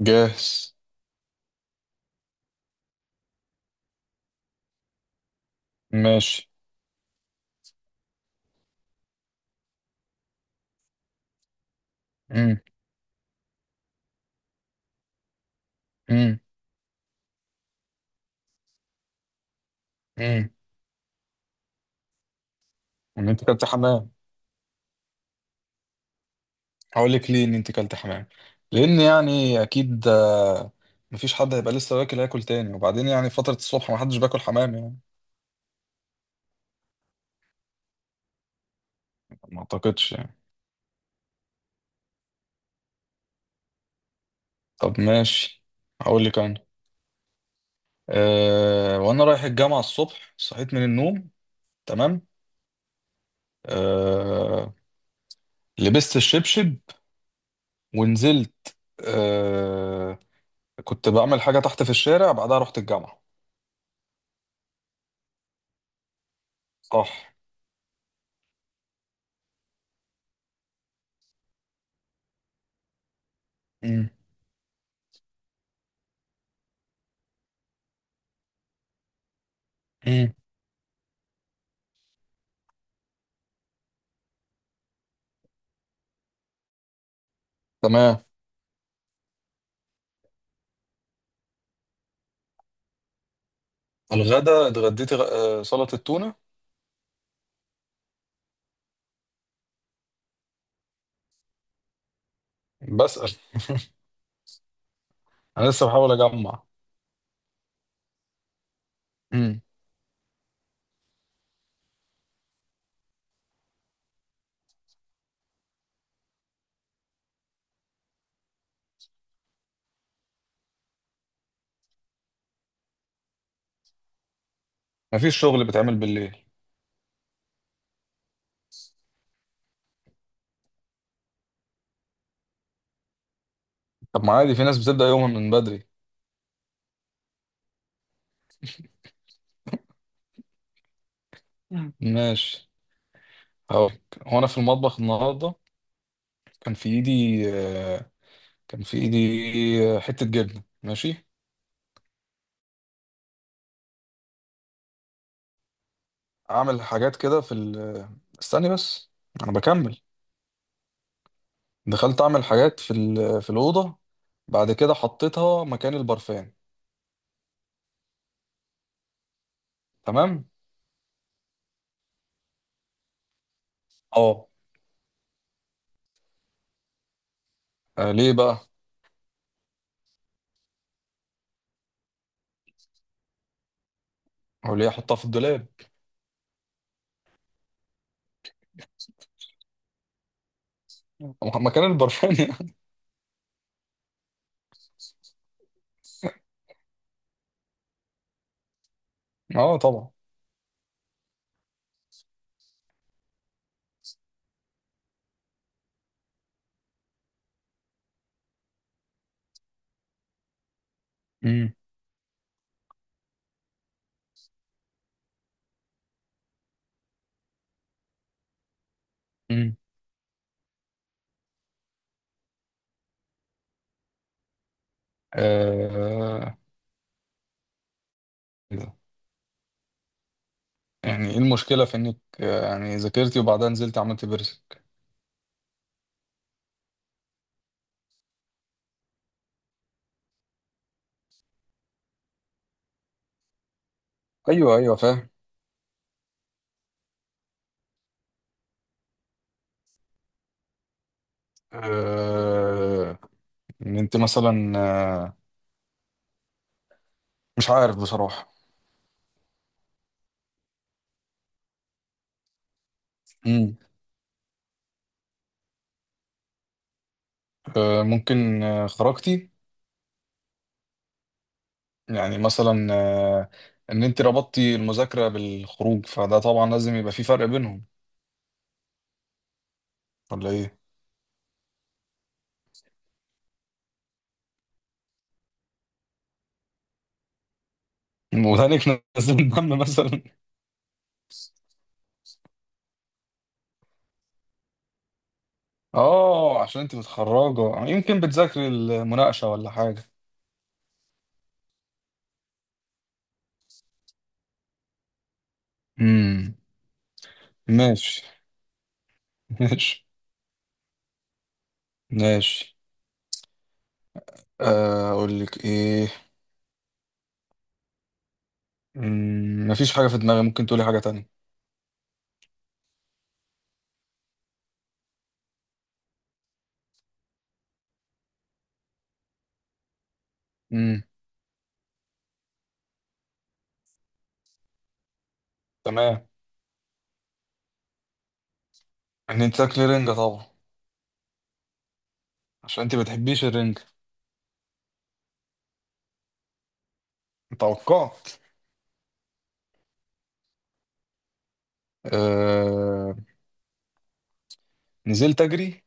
جاهز. ماشي. امم. امم. امم. ان انت كلت حمام. هقول لك ليه ان انت كلت حمام، لان يعني اكيد، مفيش حد هيبقى لسه واكل هياكل تاني، وبعدين يعني فترة الصبح ما حدش باكل حمام يعني. ما اعتقدش يعني. طب ماشي. هقول لك انا. وانا رايح الجامعة الصبح صحيت من النوم. تمام. أه لبست الشبشب ونزلت. أه كنت بعمل حاجة تحت في الشارع بعدها رحت الجامعة. صح. امم. امم. تمام. الغدا اتغديت سلطة تونة. بسأل. انا لسه بحاول اجمع. امم. مفيش شغل بيتعمل بالليل. طب ما عادي في ناس بتبدأ يومها من بدري. مم. ماشي. هقولك هو انا في المطبخ النهارده. كان في ايدي آه، كان في ايدي حتة جبنة. ماشي. اعمل حاجات كده استني بس، انا بكمل. دخلت اعمل حاجات في الأوضة. بعد كده حطيتها مكان البرفان. تمام. اه. ليه بقى، هو ليه احطها في الدولاب مكان البرفان. اه طبعا. امم. امم. آه إيه ده؟ يعني ايه المشكله في انك، يعني ذاكرتي وبعدها نزلت عملت بيرسك. ايوه ايوه فاهم. آه إن انت مثلا، مش عارف بصراحه. امم. ممكن، خرجتي، يعني مثلا، ان انت ربطتي المذاكره بالخروج، فده طبعا لازم يبقى في فرق بينهم. ولا ايه؟ ودانك نزل دم مثلا. اه عشان انت متخرجه، يعني يمكن بتذاكري المناقشه ولا حاجه. امم. ماشي ماشي ماشي. اقول لك ايه. مفيش حاجه في دماغي. ممكن تقولي حاجه تانية. امم. تمام. ان انت تاكلي رنجه طبعا. عشان انت ما بتحبيش الرنجه. توقعت. آه... نزلت اجري،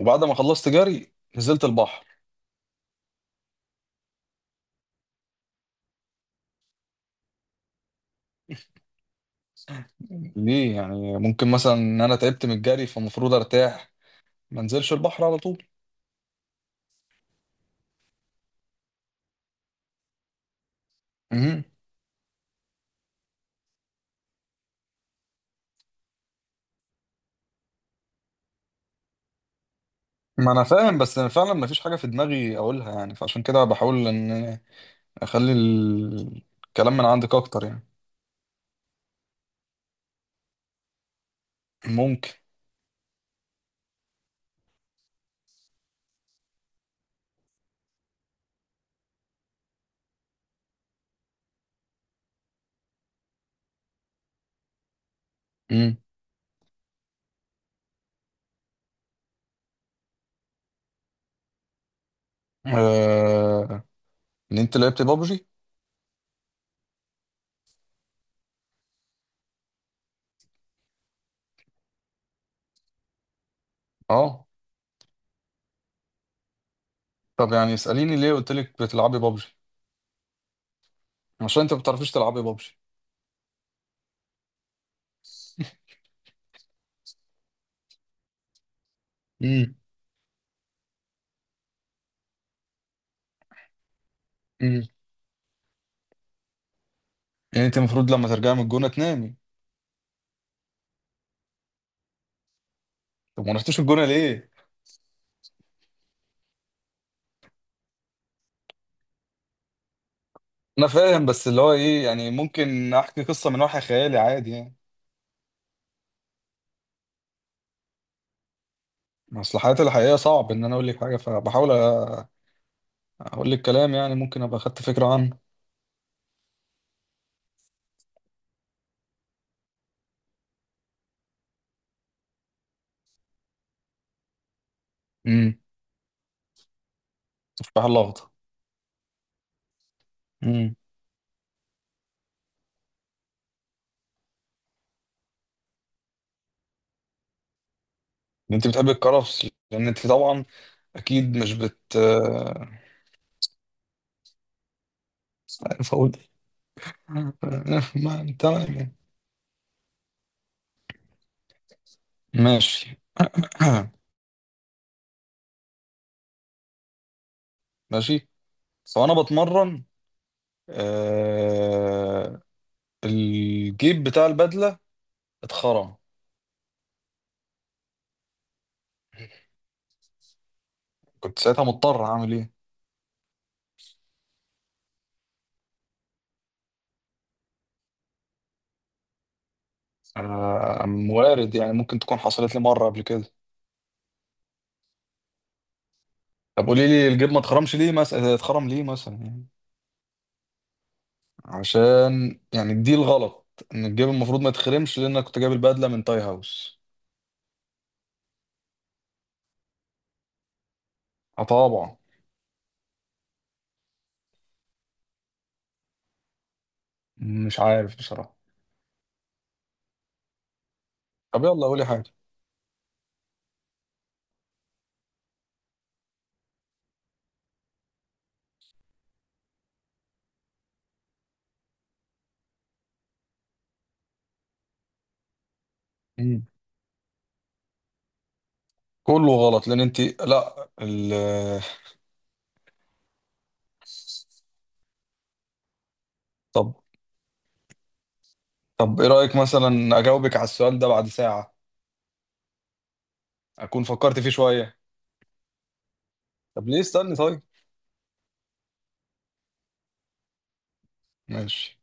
وبعد ما خلصت جري نزلت البحر. ليه يعني، ممكن مثلا ان انا تعبت من الجري فالمفروض ارتاح، ما انزلش البحر على طول. امم. ما انا فاهم بس أنا فعلا مفيش حاجه في دماغي اقولها، يعني فعشان كده بحاول ان اخلي الكلام من عندك اكتر يعني. ممكن. امم. آه... ان انت لعبت بابجي. اه. طب يعني اساليني ليه قلت لك بتلعبي بابجي. عشان انت ما بتعرفيش تلعبي بابجي. امم. امم. يعني انت المفروض لما ترجعي من الجونه تنامي. طب ما رحتيش الجونه ليه؟ انا فاهم بس اللي هو ايه، يعني ممكن احكي قصه من وحي خيالي عادي يعني. اصل حياتي الحقيقيه صعب ان انا اقول لك حاجه، فبحاول اقول لك كلام، يعني ممكن ابقى خدت فكره عنه. امم. تفاح الاخضر. امم. انت بتحبي الكرفس لان انت طبعا اكيد مش بت آه، مش عارف اقول إيه. ما تمام يعني. ماشي. ماشي. فانا بتمرن، آه الجيب بتاع البدله اتخرم. كنت ساعتها مضطر اعمل ايه. وارد يعني، ممكن تكون حصلت لي مره قبل كده. طب قولي لي الجيب ما اتخرمش ليه مثلا، اتخرم ليه مثلا يعني. عشان يعني دي الغلط، ان الجيب المفروض ما يتخرمش لان انا كنت جايب البدله من تاي هاوس. اه طبعا. مش عارف بصراحه. طب يلا قولي حاجه. كله غلط لان انت لا طب. ايه رايك مثلا اجاوبك على السؤال ده بعد ساعه، اكون فكرت فيه شويه. طب ليه استني طيب. ماشي.